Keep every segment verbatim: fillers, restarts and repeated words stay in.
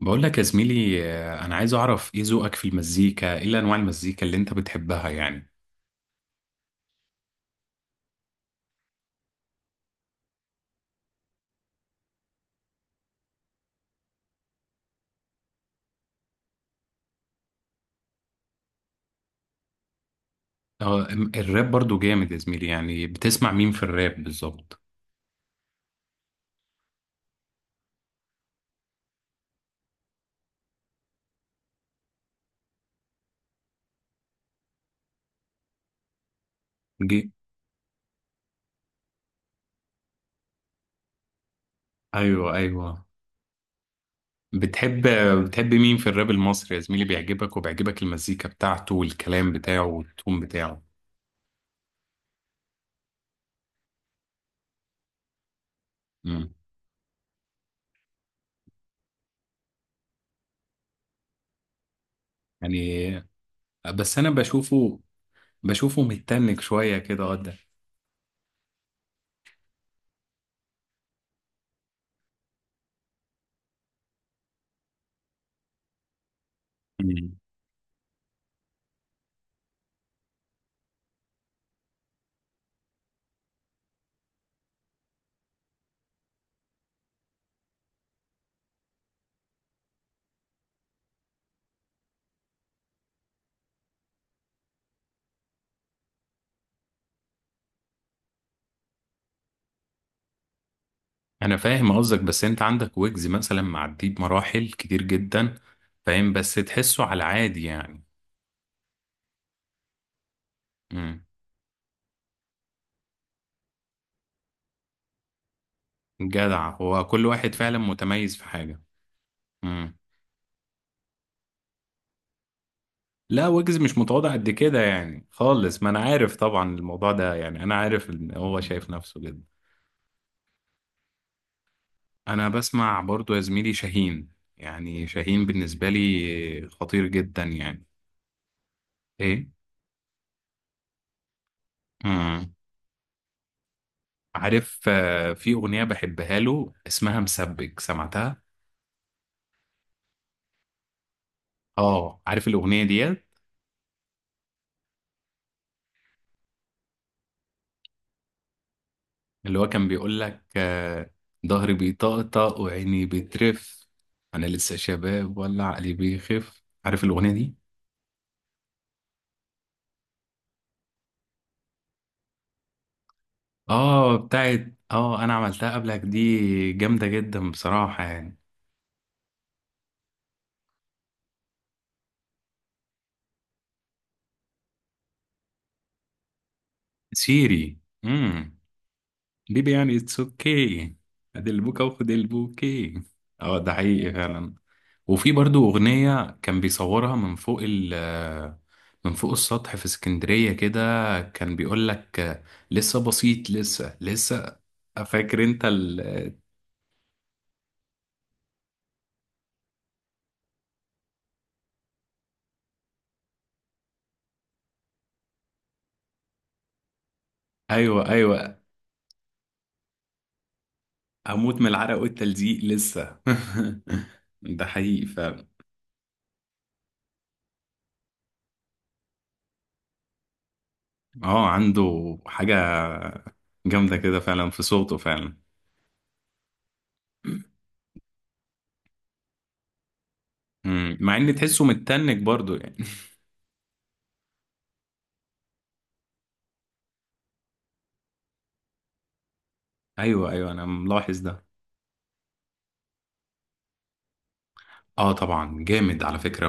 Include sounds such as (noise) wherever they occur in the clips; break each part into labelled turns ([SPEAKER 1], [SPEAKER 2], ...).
[SPEAKER 1] بقول لك يا زميلي آه، انا عايز اعرف ايه ذوقك في المزيكا، ايه انواع المزيكا اللي انت بتحبها يعني. اه ام- الراب برضو جامد يا زميلي، يعني بتسمع مين في الراب بالظبط؟ جي- ايوه ايوه. بتحب بتحب مين في الراب المصري يا زميلي بيعجبك، وبيعجبك المزيكا بتاعته والكلام بتاعه والتون بتاعه؟ امم، يعني آه، بس انا بشوفه بشوفه متنك شوية كده قدام. انا فاهم قصدك، بس انت عندك ويجز مثلا معديه بمراحل كتير جدا، فاهم، بس تحسه على عادي يعني. امم. جدع، هو كل واحد فعلا متميز في حاجة. امم. لا، ويجز مش متواضع قد كده يعني خالص، ما انا عارف طبعا الموضوع ده، يعني انا عارف ان هو شايف نفسه جدا. انا بسمع برضو يا زميلي شاهين، يعني شاهين بالنسبة لي خطير جدا يعني. ايه. امم. عارف، آه، في اغنية بحبها له اسمها مسبك، سمعتها؟ اه عارف الاغنيه دي. اللي هو كان بيقول لك آه، ظهري بيطقطق وعيني بترف، انا لسه شباب ولا عقلي بيخف، عارف الاغنيه دي؟ اه بتاعت، اه انا عملتها قبلك، دي جامده جدا بصراحه يعني. سيري. امم. بيبي يعني اتس اوكي. هات البوكا وخد البوكي. اه ده حقيقي فعلا. وفي برضو أغنية كان بيصورها من فوق ال... من فوق السطح في اسكندرية كده، كان بيقول لك لسه بسيط، لسه لسه. فاكر انت ال... ايوه ايوه. هموت من العرق والتلزيق لسه. (laughs) ده حقيقي فعلا. اه عنده حاجة جامدة كده فعلا في صوته فعلا. مم. مع ان تحسه متنك برضو يعني. (laughs) ايوه ايوه، انا ملاحظ ده. اه طبعا جامد على فكرة،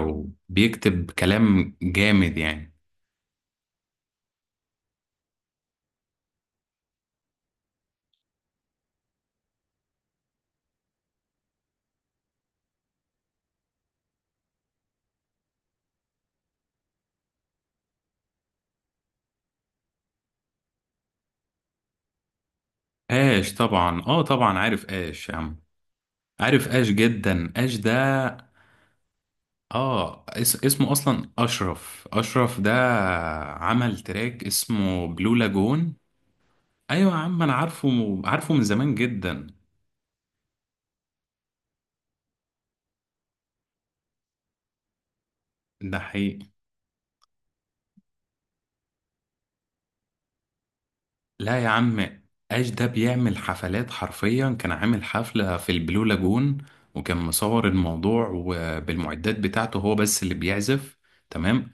[SPEAKER 1] وبيكتب كلام جامد يعني. اش طبعا، اه طبعا عارف اش يا عم. عارف اش جدا، اش ده. اه اس اسمه اصلا اشرف، اشرف ده عمل تراك اسمه بلو لاجون. ايوه يا عم انا عارفه، عارفه من زمان جدا. ده حقيقي. لا يا عم، اش ده بيعمل حفلات حرفيا، كان عامل حفلة في البلو لاجون، وكان مصور الموضوع، وبالمعدات بتاعته هو بس اللي بيعزف. تمام.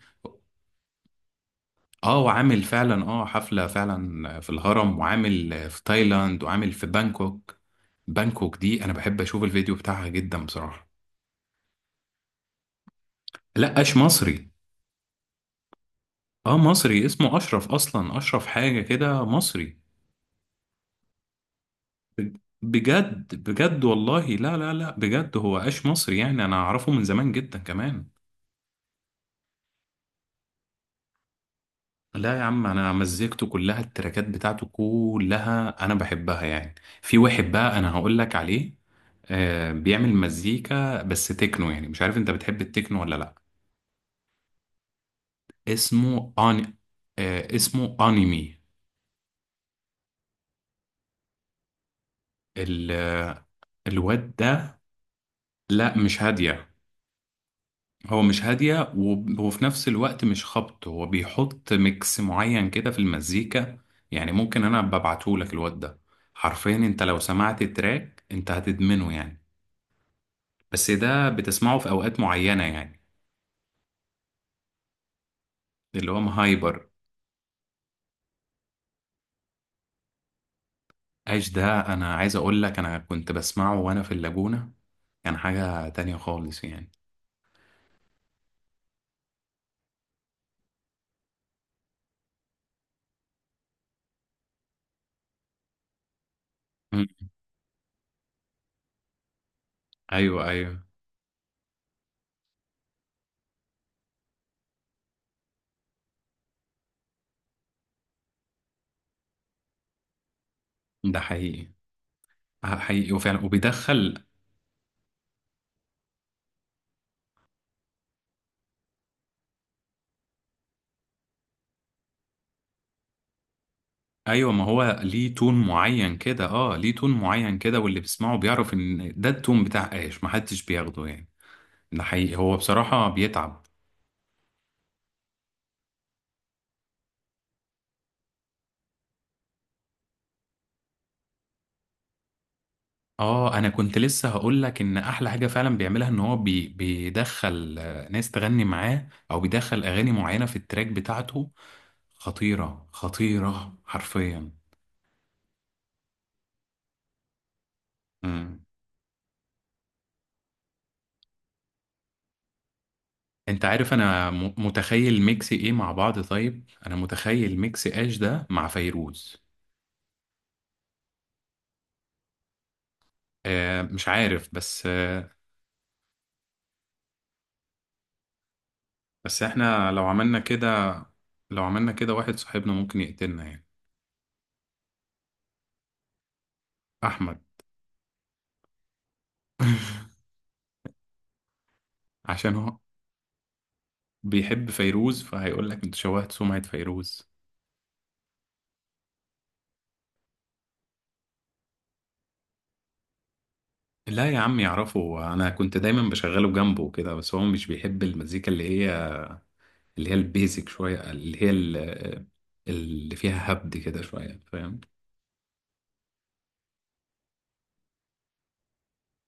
[SPEAKER 1] اه وعامل فعلا اه حفلة فعلا في الهرم، وعامل في تايلاند، وعامل في بانكوك. بانكوك دي انا بحب اشوف الفيديو بتاعها جدا بصراحة. لا، اش مصري. اه مصري، اسمه اشرف اصلا، اشرف حاجة كده، مصري. ب- بجد بجد والله، لا لا لا، بجد هو اش مصري يعني، انا اعرفه من زمان جدا كمان. لا يا عم، انا مزيكته كلها، التراكات بتاعته كلها انا بحبها يعني. في واحد بقى انا هقول لك عليه، آه بيعمل مزيكا بس تكنو، يعني مش عارف انت بتحب التكنو ولا لا. اسمه آن... آه اسمه انمي. ال... آه، الواد ده. لا مش هادية. هو مش هادية، وب- وفي نفس الوقت مش خبط، هو بيحط ميكس معين كده في المزيكا، يعني ممكن انا ببعته لك الواد ده، حرفيا انت لو سمعت التراك انت هتدمنه يعني. بس ده بتسمعه في اوقات معينه يعني، اللي هو هايبر. ايش ده انا عايز اقول لك، انا كنت بسمعه وانا في اللاجونه، كان حاجه تانية خالص يعني. مم. ايوه ايوه، ده حقيقي. ح- حقيقي وفعلا، وبيدخل. ايوه، ما هو ليه تون معين كده، اه ليه تون معين كده، واللي بيسمعه بيعرف ان ده التون بتاع ايش، محدش بياخده يعني. ده حقيقي، هو بصراحه بيتعب. اه انا كنت لسه هقول لك ان احلى حاجه فعلا بيعملها، ان هو بي بيدخل آه، ناس تغني معاه، او بيدخل اغاني معينه في التراك بتاعته، خطيره خطيره حرفيا. مم. انت عارف انا م- متخيل ميكس ايه مع بعض، طيب انا متخيل ميكس اش ده مع فيروز. آه مش عارف بس آه بس احنا لو عملنا كده، لو عملنا كده واحد صاحبنا ممكن يقتلنا يعني. احمد. (laughs) عشان هو بيحب فيروز، فهيقول لك انت شوهت سمعة فيروز. لا يا عم يعرفه، انا كنت دايما بشغله جنبه كده، بس هو مش بيحب المزيكا اللي هي، اللي هي البيزك شويه، اللي هي ال... اللي فيها هبد كده شويه فاهم.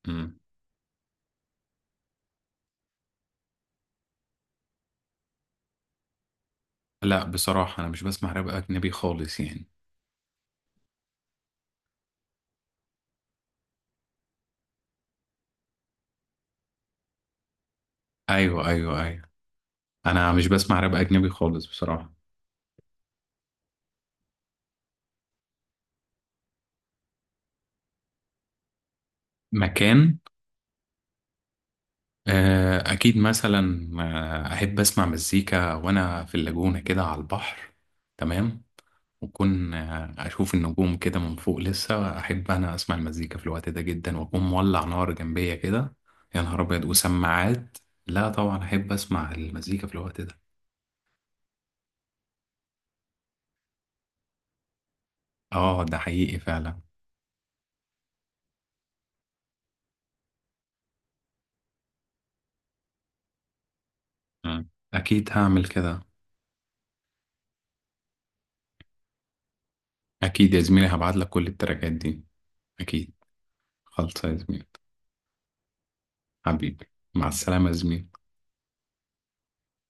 [SPEAKER 1] مم. لا بصراحه انا مش بسمع راب اجنبي خالص يعني. ايوه ايوه ايوه، انا مش بسمع راب اجنبي خالص بصراحه. مكان. آه، اكيد مثلا آه، احب اسمع مزيكا وانا في اللاجونه كده على البحر. تمام. وأكون آه، أشوف النجوم كده من فوق، لسه أحب أنا أسمع المزيكا في الوقت ده جدا، وأكون مولع نار جنبية كده. يا نهار أبيض وسماعات. لا طبعا أحب أسمع المزيكا في الوقت ده. آه ده حقيقي فعلا. مم. أكيد هعمل كده. أكيد يا زميلي هبعتلك كل التراكات دي. أكيد. خلصة يا زميلي. حبيبي. مع السلامة يا زميلي.